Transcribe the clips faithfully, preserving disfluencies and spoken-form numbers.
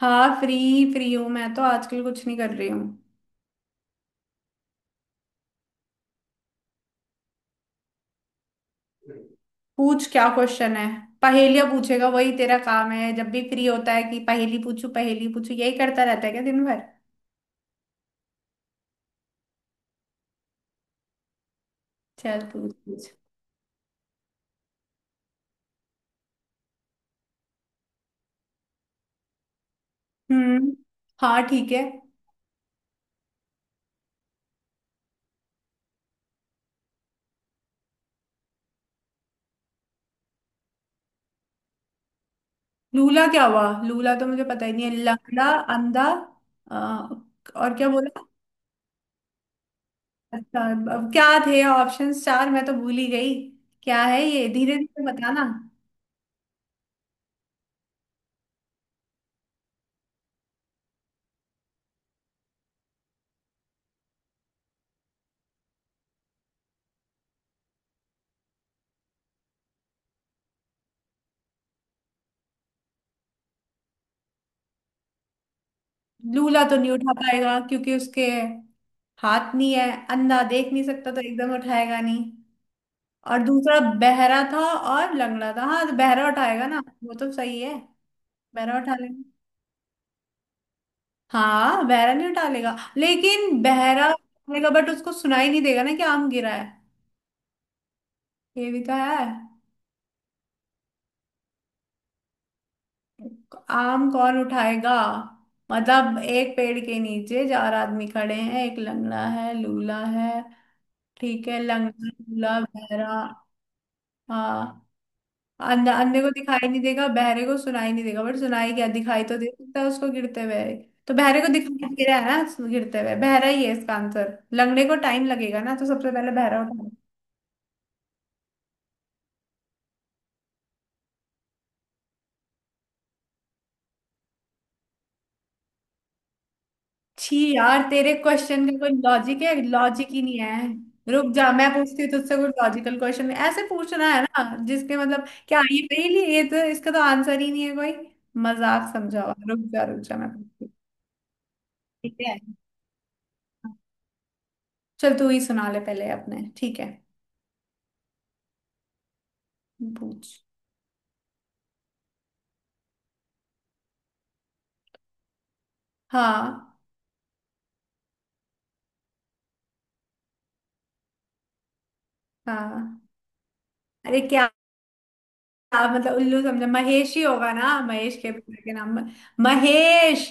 हाँ free. Free हूँ, मैं तो आजकल कुछ नहीं कर रही हूँ। पूछ, क्या क्वेश्चन है। पहेलियाँ पूछेगा, वही तेरा काम है। जब भी फ्री होता है कि पहेली पूछू पहेली पूछू, यही करता रहता है क्या दिन भर। चल पूछ पूछ। हम्म। हाँ ठीक है। लूला क्या हुआ? लूला तो मुझे पता ही नहीं है। लंगड़ा, अंधा, अ, और क्या बोला। अच्छा। अब क्या थे ऑप्शंस चार, मैं तो भूल ही गई। क्या है ये, धीरे धीरे बताना। लूला तो नहीं उठा पाएगा, क्योंकि उसके हाथ नहीं है। अंधा देख नहीं सकता, तो एकदम उठाएगा नहीं। और दूसरा बहरा था और लंगड़ा था। हाँ, तो बहरा उठाएगा ना, वो तो सही है। बहरा उठा लेगा। हाँ बहरा नहीं उठा लेगा, लेकिन बहरा उठाएगा बट उसको सुनाई नहीं देगा ना कि आम गिरा है। ये भी तो है। आम कौन उठाएगा? मतलब एक पेड़ के नीचे चार आदमी खड़े हैं, एक लंगड़ा है, लूला है। ठीक है, लंगड़ा लूला बहरा। हाँ। अंधा, अंधे को दिखाई नहीं देगा, बहरे को सुनाई नहीं देगा बट सुनाई क्या, दिखाई तो दे सकता है उसको गिरते हुए। तो बहरे को दिखाई दे रहा है ना गिरते हुए, बहरा ही है इसका आंसर। लगने को टाइम लगेगा ना, तो सबसे पहले बहरा उठाना। छी यार, तेरे क्वेश्चन का कोई लॉजिक है? लॉजिक ही नहीं है। रुक जा, मैं पूछती हूँ तुझसे। कोई लॉजिकल क्वेश्चन ऐसे पूछना है ना, जिसके मतलब, क्या ये पहेली है? ये तो इसका तो आंसर ही नहीं है कोई। मजाक समझा हुआ। रुक जा रुक जा मैं पूछती हूँ। ठीक है। चल तू ही सुना ले पहले अपने, ठीक है। पूछ। हाँ। हाँ, अरे क्या। मतलब उल्लू समझा, महेश ही होगा ना, महेश के पिता के नाम। महेश।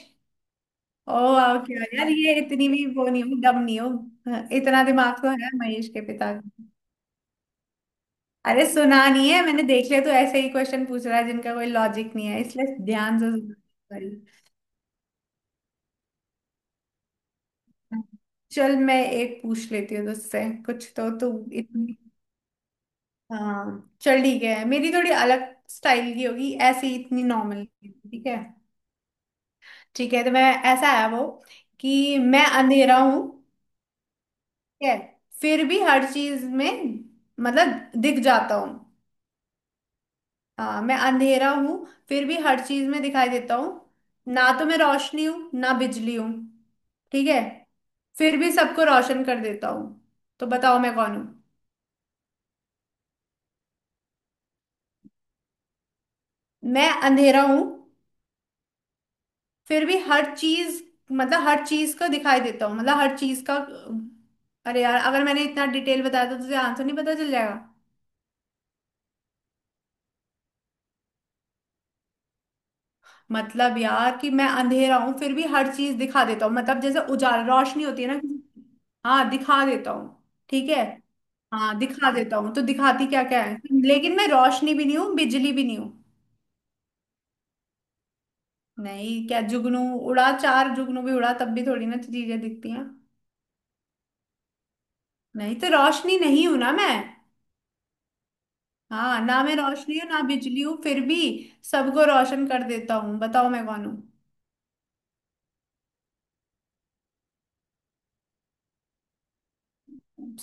ओ वाह, क्या यार, ये इतनी भी वो नहीं हो, दम नहीं हो। हाँ, इतना दिमाग तो है महेश के पिता का। अरे सुना नहीं है मैंने, देख लिया तो ऐसे ही क्वेश्चन पूछ रहा है जिनका कोई लॉजिक नहीं है, इसलिए ध्यान से सुनना पड़ेगा। चल मैं एक पूछ लेती हूँ तुझसे, कुछ तो तू इतनी। हाँ चल ठीक है, मेरी थोड़ी अलग स्टाइल की होगी ऐसी, इतनी नॉर्मल ठीक है। ठीक है तो मैं, ऐसा है वो कि मैं अंधेरा हूं, ठीक है, फिर भी हर चीज में मतलब दिख जाता हूँ। हाँ, मैं अंधेरा हूँ, फिर भी हर चीज में दिखाई देता हूँ। ना तो मैं रोशनी हूँ ना बिजली हूँ, ठीक है, फिर भी सबको रोशन कर देता हूँ, तो बताओ मैं कौन हूँ। मैं अंधेरा हूँ, फिर भी हर चीज मतलब हर चीज का दिखाई देता हूँ, मतलब हर चीज का। अरे यार, अगर मैंने इतना डिटेल बताया था तो तुझे आंसर नहीं पता चल जाएगा? मतलब यार, कि मैं अंधेरा हूं फिर भी हर चीज दिखा देता हूँ, मतलब जैसे उजाला रोशनी होती है ना किसी की, हाँ दिखा देता हूँ। ठीक है। हाँ दिखा देता हूँ, तो दिखाती क्या क्या है। लेकिन मैं रोशनी भी नहीं हूँ, बिजली भी नहीं हूँ। नहीं, क्या जुगनू। उड़ा, चार जुगनू भी उड़ा तब भी थोड़ी ना चीजें दिखती हैं। नहीं, तो रोशनी नहीं हूं ना मैं। हाँ, ना मैं रोशनी हूँ ना बिजली हूँ, फिर भी सबको रोशन कर देता हूँ, बताओ मैं कौन हूँ।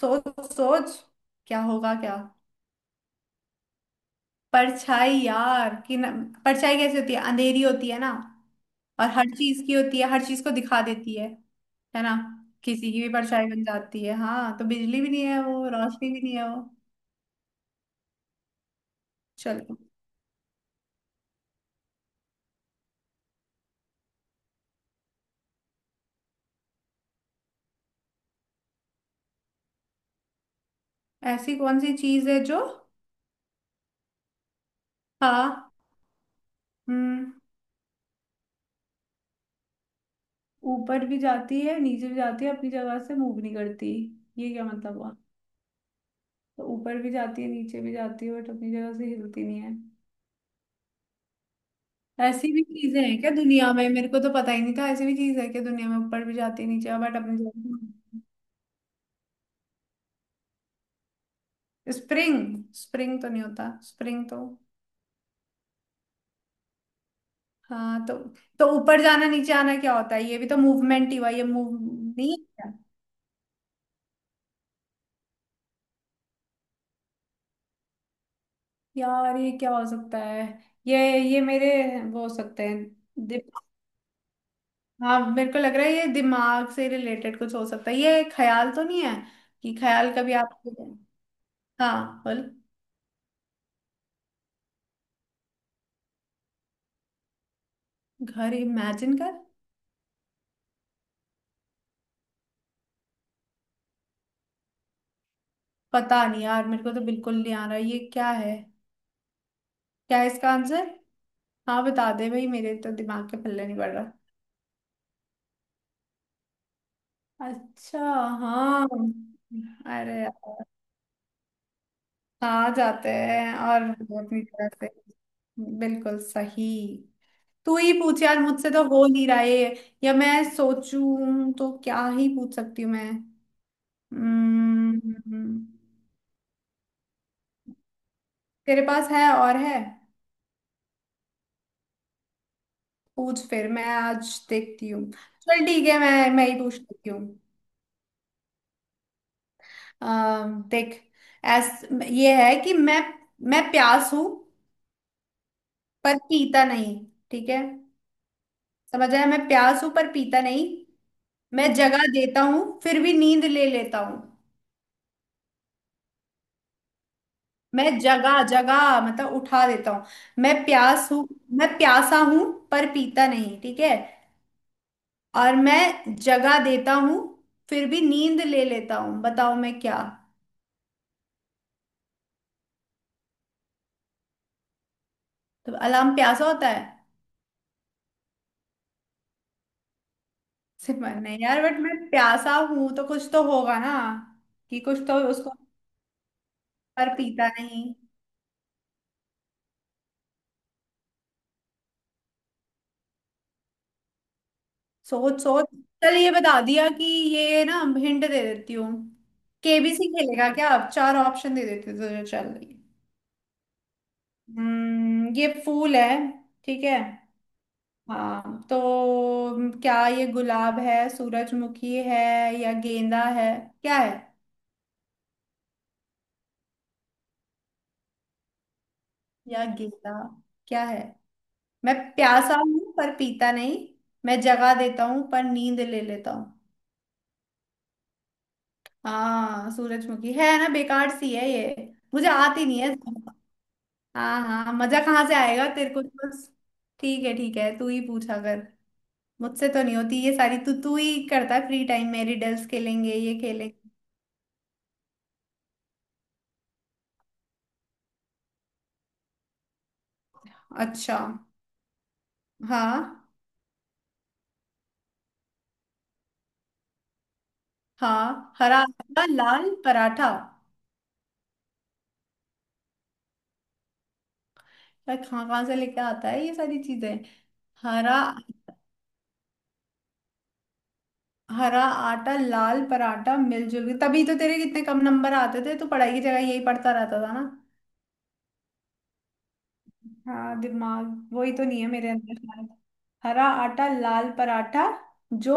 सोच सोच। क्या होगा क्या। परछाई यार कि न, परछाई कैसी होती है, अंधेरी होती है ना। और हर चीज की होती है, हर चीज को दिखा देती है है ना। किसी की भी परछाई बन जाती है। हाँ, तो बिजली भी नहीं है वो, रोशनी भी नहीं है वो। चलो। ऐसी कौन सी चीज है जो, हाँ, हम्म, ऊपर भी जाती है नीचे भी जाती है अपनी जगह से मूव नहीं करती। ये क्या मतलब हुआ। तो ऊपर भी जाती है नीचे भी जाती है बट अपनी जगह से हिलती नहीं है। ऐसी भी चीजें हैं क्या दुनिया में, मेरे को तो पता ही नहीं था ऐसी भी चीज है क्या दुनिया में, ऊपर भी जाती नीचे बट अपने जाती। स्प्रिंग, स्प्रिंग तो नहीं होता, स्प्रिंग तो। हाँ तो तो ऊपर जाना नीचे आना क्या होता है, ये भी तो मूवमेंट ही हुआ, ये मूव नहीं है क्या? यार ये क्या हो सकता है, ये ये मेरे, वो हो सकते हैं। दिम- हाँ मेरे को लग रहा है ये दिमाग से रिलेटेड कुछ हो सकता है, ये ख्याल तो नहीं है, कि ख्याल कभी आप। हाँ बोल। घर इमेजिन कर। पता नहीं यार, मेरे को तो बिल्कुल नहीं आ रहा ये क्या है। क्या है इसका आंसर। हाँ बता दे भाई, मेरे तो दिमाग के पल्ले नहीं पड़ रहा। अच्छा। हाँ। अरे यार, हाँ जाते हैं। और वो अपनी तरह से, बिल्कुल सही। तू ही पूछ यार, मुझसे तो हो नहीं रहा है। या मैं सोचूं तो क्या ही पूछ सकती हूँ मैं। हम्म। तेरे पास है और है। पूछ फिर, मैं आज देखती हूँ। चल ठीक है, मैं मैं ही पूछ लेती हूँ। अम, देख। ऐस, ये है कि मैं मैं प्यास हूं पर पीता नहीं, ठीक है। समझ आया, मैं प्यास हूं पर पीता नहीं। मैं जगा देता हूँ फिर भी नींद ले लेता हूँ। मैं जगा जगा, मतलब उठा देता हूँ। मैं प्यास हूँ, मैं प्यासा हूं पर पीता नहीं, ठीक है। और मैं जगा देता हूँ फिर भी नींद ले लेता हूँ, बताओ मैं क्या। तो अलार्म प्यासा होता है से बनने यार, बट मैं प्यासा हूं तो कुछ तो होगा ना, कि कुछ तो उसको, पर पीता नहीं। सोच सोच। चल ये बता दिया, कि ये ना हिंट दे देती हूँ। केबीसी खेलेगा क्या, अब चार ऑप्शन दे देते तुझे, चल। हम्म, ये फूल है, ठीक है। हाँ तो, क्या ये गुलाब है, सूरजमुखी है, या गेंदा है, क्या है। या गेंदा, क्या है। मैं प्यासा हूँ पर पीता नहीं, मैं जगा देता हूँ पर नींद ले लेता हूँ। हाँ सूरजमुखी है ना, बेकार सी है ये, मुझे आती नहीं है ज्यादा। हाँ हाँ, मजा कहाँ से आएगा तेरे को तो बस। ठीक है ठीक है, तू ही पूछा कर। मुझसे तो नहीं होती ये सारी, तू तू ही करता है फ्री टाइम में, रिडल्स खेलेंगे ये खेलेंगे। अच्छा। हाँ। हाँ हरा आटा लाल पराठा। पर कहाँ कहाँ से लेके आता है ये सारी चीजें। हरा, हरा आटा लाल पराठा मिलजुल के, तभी तो तेरे कितने कम नंबर आते थे, तो पढ़ाई की जगह यही पढ़ता रहता था ना। हाँ दिमाग, वही तो नहीं है मेरे अंदर शायद। हरा आटा लाल पराठा, जो,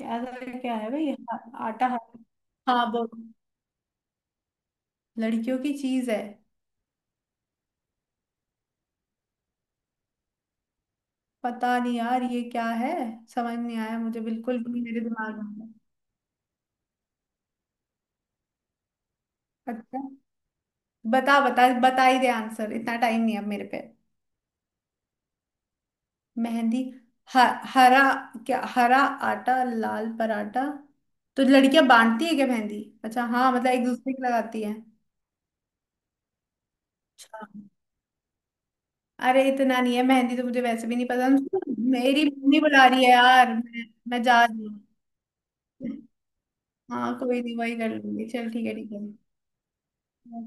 क्या, क्या है भाई। हा- आटा हरा। हाँ वो, लड़कियों की चीज है। पता नहीं यार ये क्या है, समझ नहीं आया मुझे बिल्कुल भी, मेरे दिमाग में। अच्छा। बता बता, बता ही दे आंसर, इतना टाइम नहीं है अब मेरे पे। मेहंदी। ह, हरा, क्या हरा आटा लाल पराठा, तो लड़कियां बांटती है क्या मेहंदी, अच्छा हाँ, मतलब एक दूसरे की लगाती है। अच्छा। अरे इतना नहीं है, मेहंदी तो मुझे वैसे भी नहीं पसंद। मेरी मम्मी बुला रही है यार, मैं मैं जा रही हूँ। हाँ कोई नहीं, वही कर लूंगी। चल ठीक है, ठीक है।